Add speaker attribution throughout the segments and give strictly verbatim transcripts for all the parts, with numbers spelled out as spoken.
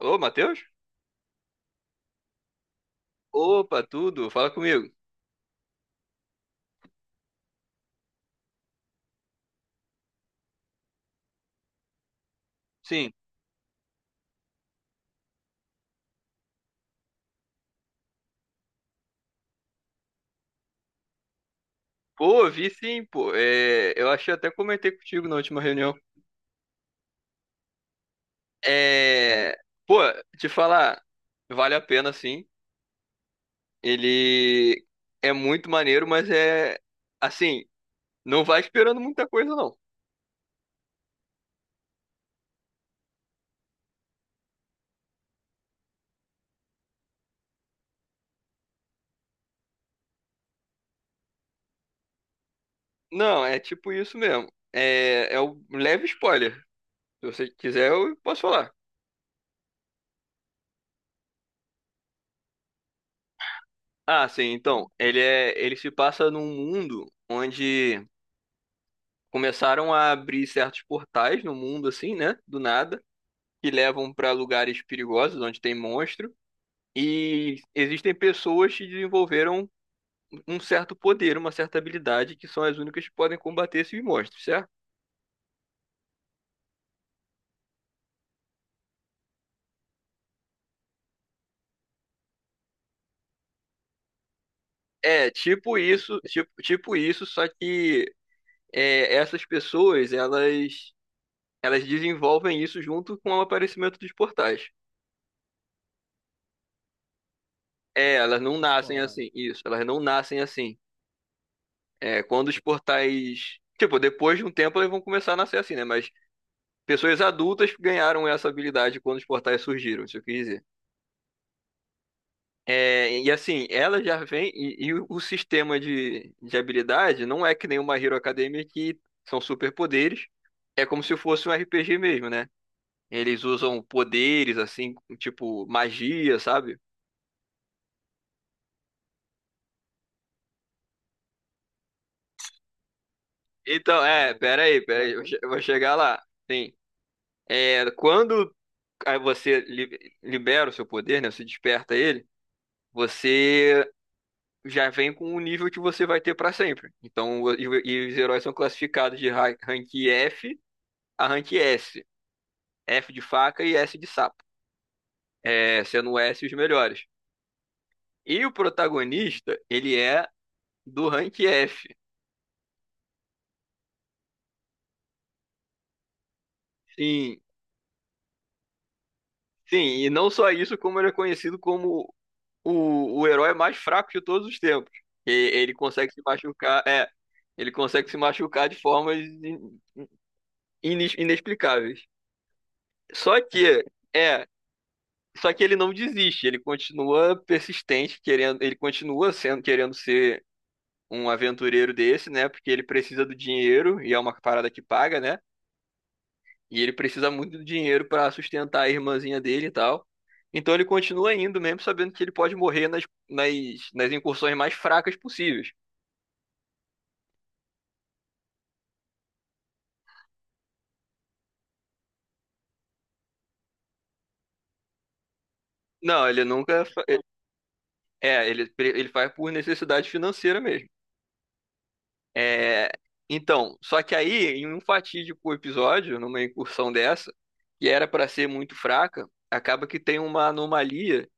Speaker 1: Alô, Matheus? Opa, tudo? Fala comigo. Sim. Pô, vi sim, pô. É, eu achei até comentei contigo na última reunião. É, pô, te falar, vale a pena sim. Ele é muito maneiro, mas é assim, não vai esperando muita coisa, não. Não, é tipo isso mesmo. É, é um leve spoiler. Se você quiser, eu posso falar. Ah, sim, então, ele é, ele se passa num mundo onde começaram a abrir certos portais no mundo, assim, né? Do nada, que levam para lugares perigosos onde tem monstro. E existem pessoas que desenvolveram um certo poder, uma certa habilidade, que são as únicas que podem combater esses monstros, certo? É, tipo isso, tipo, tipo isso, só que é, essas pessoas, elas, elas desenvolvem isso junto com o aparecimento dos portais. É, elas não nascem, porra, assim, isso, elas não nascem assim. É, quando os portais. Tipo, depois de um tempo eles vão começar a nascer assim, né? Mas pessoas adultas ganharam essa habilidade quando os portais surgiram, isso eu quis dizer. É, e assim, ela já vem. E, e o sistema de, de habilidade não é que nem uma Hero Academia que são superpoderes. É como se fosse um R P G mesmo, né? Eles usam poderes, assim, tipo magia, sabe? Então, é, pera aí, pera aí, eu vou che- eu vou chegar lá. Sim. É, quando aí você li- libera o seu poder, né? Você desperta ele, você já vem com o nível que você vai ter para sempre. Então, o- e, e os heróis são classificados de ra- rank F a rank S. F de faca e S de sapo. É, sendo S os melhores. E o protagonista, ele é do rank F. Sim, sim, e não só isso, como ele é conhecido como o, o herói mais fraco de todos os tempos. E- ele consegue se machucar, é, ele consegue se machucar de formas in- inex- inexplicáveis. Só que, é, só que ele não desiste, ele continua persistente, querendo, ele continua sendo, querendo ser um aventureiro desse, né? Porque ele precisa do dinheiro e é uma parada que paga, né? E ele precisa muito do dinheiro para sustentar a irmãzinha dele e tal. Então ele continua indo, mesmo sabendo que ele pode morrer nas, nas, nas incursões mais fracas possíveis. Não, ele nunca. fa- É, ele, ele faz por necessidade financeira mesmo. É, então, só que aí, em um fatídico episódio, numa incursão dessa, que era para ser muito fraca, acaba que tem uma anomalia,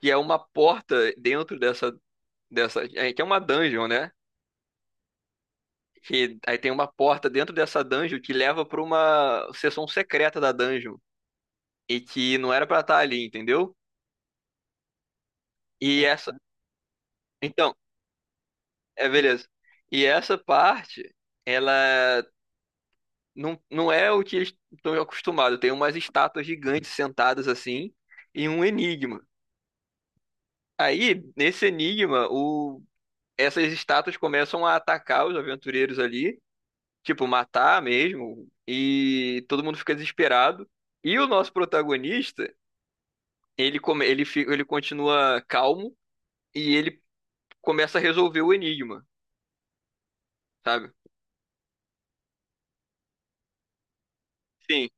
Speaker 1: que é uma porta dentro dessa, dessa, é, que é uma dungeon, né? Que aí tem uma porta dentro dessa dungeon que leva para uma seção secreta da dungeon e que não era para estar ali, entendeu? E essa, então, é beleza. E essa parte, ela. Não, não é o que eles estão acostumados. Tem umas estátuas gigantes sentadas assim e um enigma. Aí, nesse enigma, o... essas estátuas começam a atacar os aventureiros ali, tipo, matar mesmo, e todo mundo fica desesperado. E o nosso protagonista, ele, come... ele, fi- ele continua calmo e ele começa a resolver o enigma, sabe? Sim.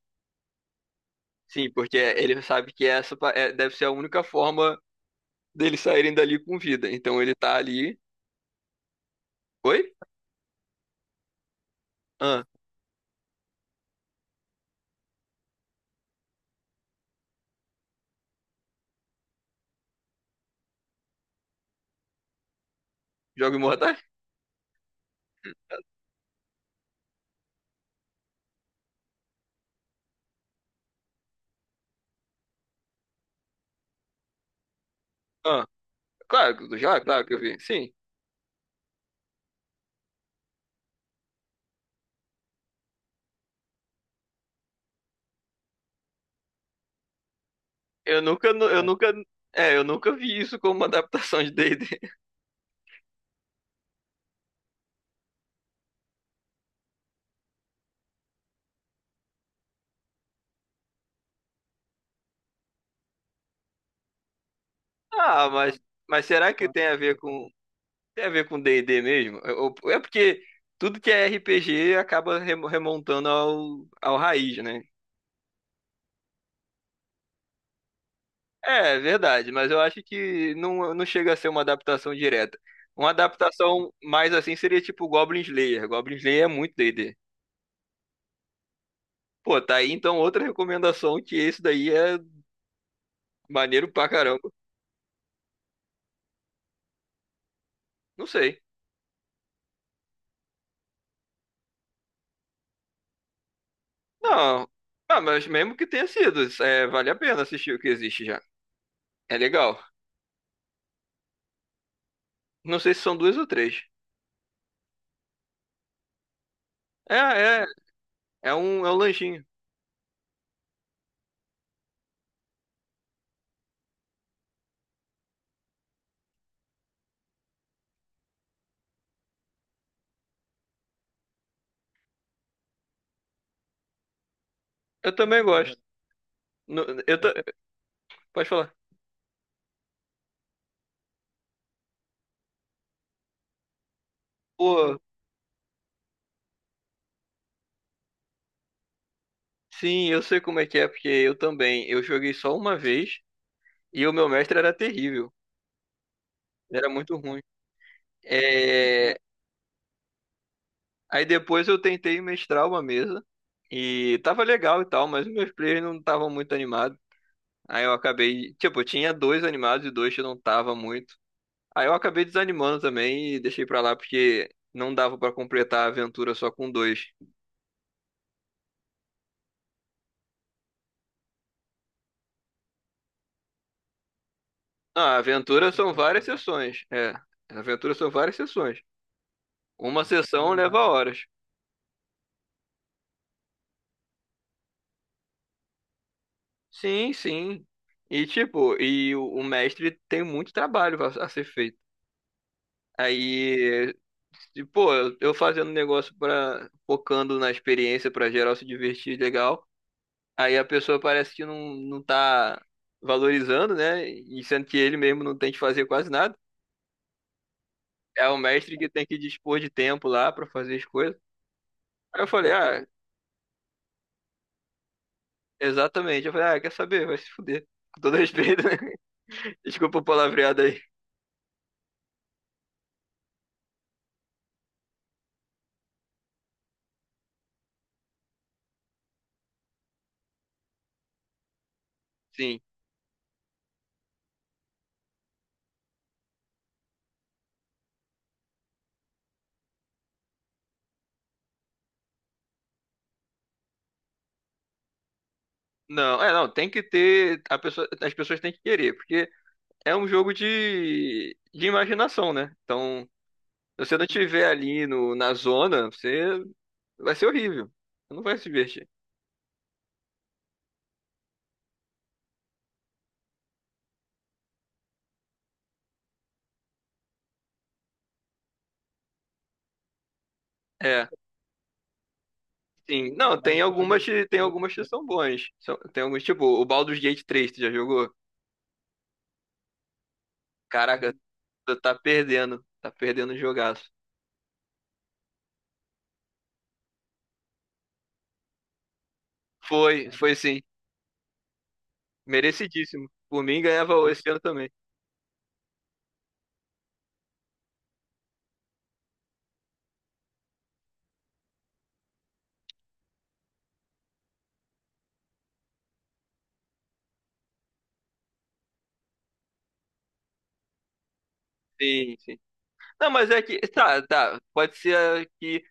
Speaker 1: Sim, porque ele sabe que essa pa- é- deve ser a única forma deles saírem dali com vida. Então ele tá ali. Oi? Ah, Jogos Mortais? Ah, claro, que- já, claro que eu vi. Sim. Eu nunca, nu- eu É. nunca, é, eu nunca vi isso como uma adaptação de D e D. Ah, mas, mas será que tem a ver com, tem a ver com D e D mesmo? Eu- eu- é porque tudo que é R P G acaba remo- remontando ao, ao raiz, né? É, é verdade, mas eu acho que não, não chega a ser uma adaptação direta. Uma adaptação mais assim seria tipo Goblin Slayer. Goblin Slayer é muito D e D. Pô, tá aí então outra recomendação que esse daí é maneiro pra caramba. Não sei. Não. Ah, mas mesmo que tenha sido, é, vale a pena assistir o que existe já. É legal. Não sei se são duas ou três. É, é, é um, é um lanchinho. Eu também gosto. No- Eu ta- Pode falar. Pô, sim, eu sei como é que é, porque eu também. Eu joguei só uma vez e o meu mestre era terrível. Era muito ruim. É, Aí depois eu tentei mestrar uma mesa e tava legal e tal, mas os meus players não estavam muito animados. Aí eu acabei, tipo, eu tinha dois animados e dois que eu não tava muito. Aí eu acabei desanimando também e deixei pra lá porque não dava pra completar a aventura só com dois. Ah, a aventura são várias sessões. É, a aventura são várias sessões. Uma sessão leva horas. Sim, sim. E tipo, e o, o mestre tem muito trabalho a, a ser feito. Aí, e, pô, eu eu fazendo negócio para focando na experiência pra geral se divertir legal. Aí a pessoa parece que não, não tá valorizando, né? E sendo que ele mesmo não tem que fazer quase nada. É o mestre que tem que dispor de tempo lá pra fazer as coisas. Aí eu falei, ah, exatamente. Eu falei, ah, quer saber? Vai se fuder. Com todo respeito, né? Desculpa o palavreado aí. Sim. Não, é, não, tem que ter. A pessoa, as pessoas têm que querer, porque é um jogo de, de imaginação, né? Então, se você não estiver ali no, na zona, você vai ser horrível. Você não vai se divertir. É. Sim, não, tem algumas, que- tem algumas que são bons. São- Tem alguns, tipo, o Baldur's Gate três tu já jogou? Caraca, tu tá perdendo, tá perdendo o jogaço. Foi, foi sim, merecidíssimo. Por mim, ganhava esse ano também. Sim, sim. Não, mas é que, tá, tá, pode ser que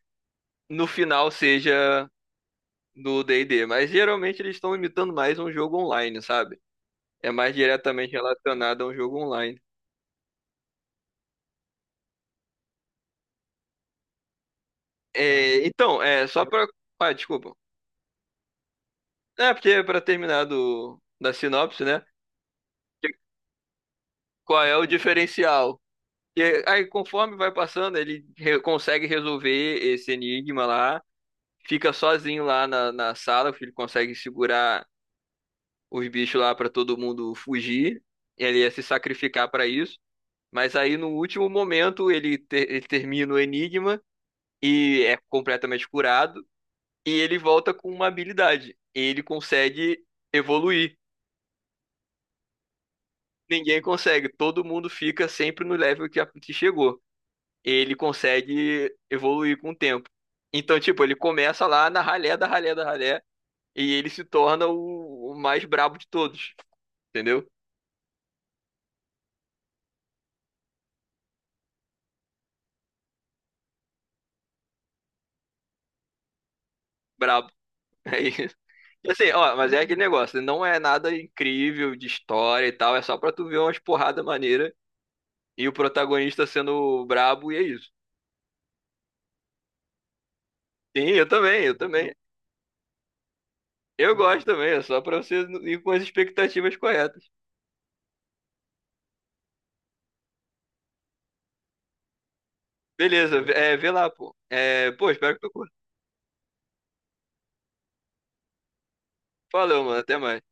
Speaker 1: no final seja do d e D, mas geralmente eles estão imitando mais um jogo online, sabe? É mais diretamente relacionado a um jogo online. É, então, é, só pra... Ah, desculpa. É, porque para terminar do, da sinopse, né? que- Qual é o diferencial? E aí, conforme vai passando, ele re- consegue resolver esse enigma lá, fica sozinho lá na, na sala, porque ele consegue segurar os bichos lá para todo mundo fugir. Ele ia se sacrificar para isso. Mas aí, no último momento, ele, ter- ele termina o enigma e é completamente curado. E ele volta com uma habilidade. Ele consegue evoluir. Ninguém consegue, todo mundo fica sempre no level que a Pete chegou. Ele consegue evoluir com o tempo. Então, tipo, ele começa lá na ralé da ralé da ralé e ele se torna o, o mais brabo de todos, entendeu? Brabo. É isso. E assim, ó, mas é aquele negócio, não é nada incrível de história e tal, é só pra tu ver umas porrada maneira e o protagonista sendo brabo e é isso. Sim, eu também, eu também. Eu gosto também, é só pra você ir com as expectativas corretas. Beleza, é, vê lá, pô. É, pô, espero que tu curta. Valeu, mano, até mais.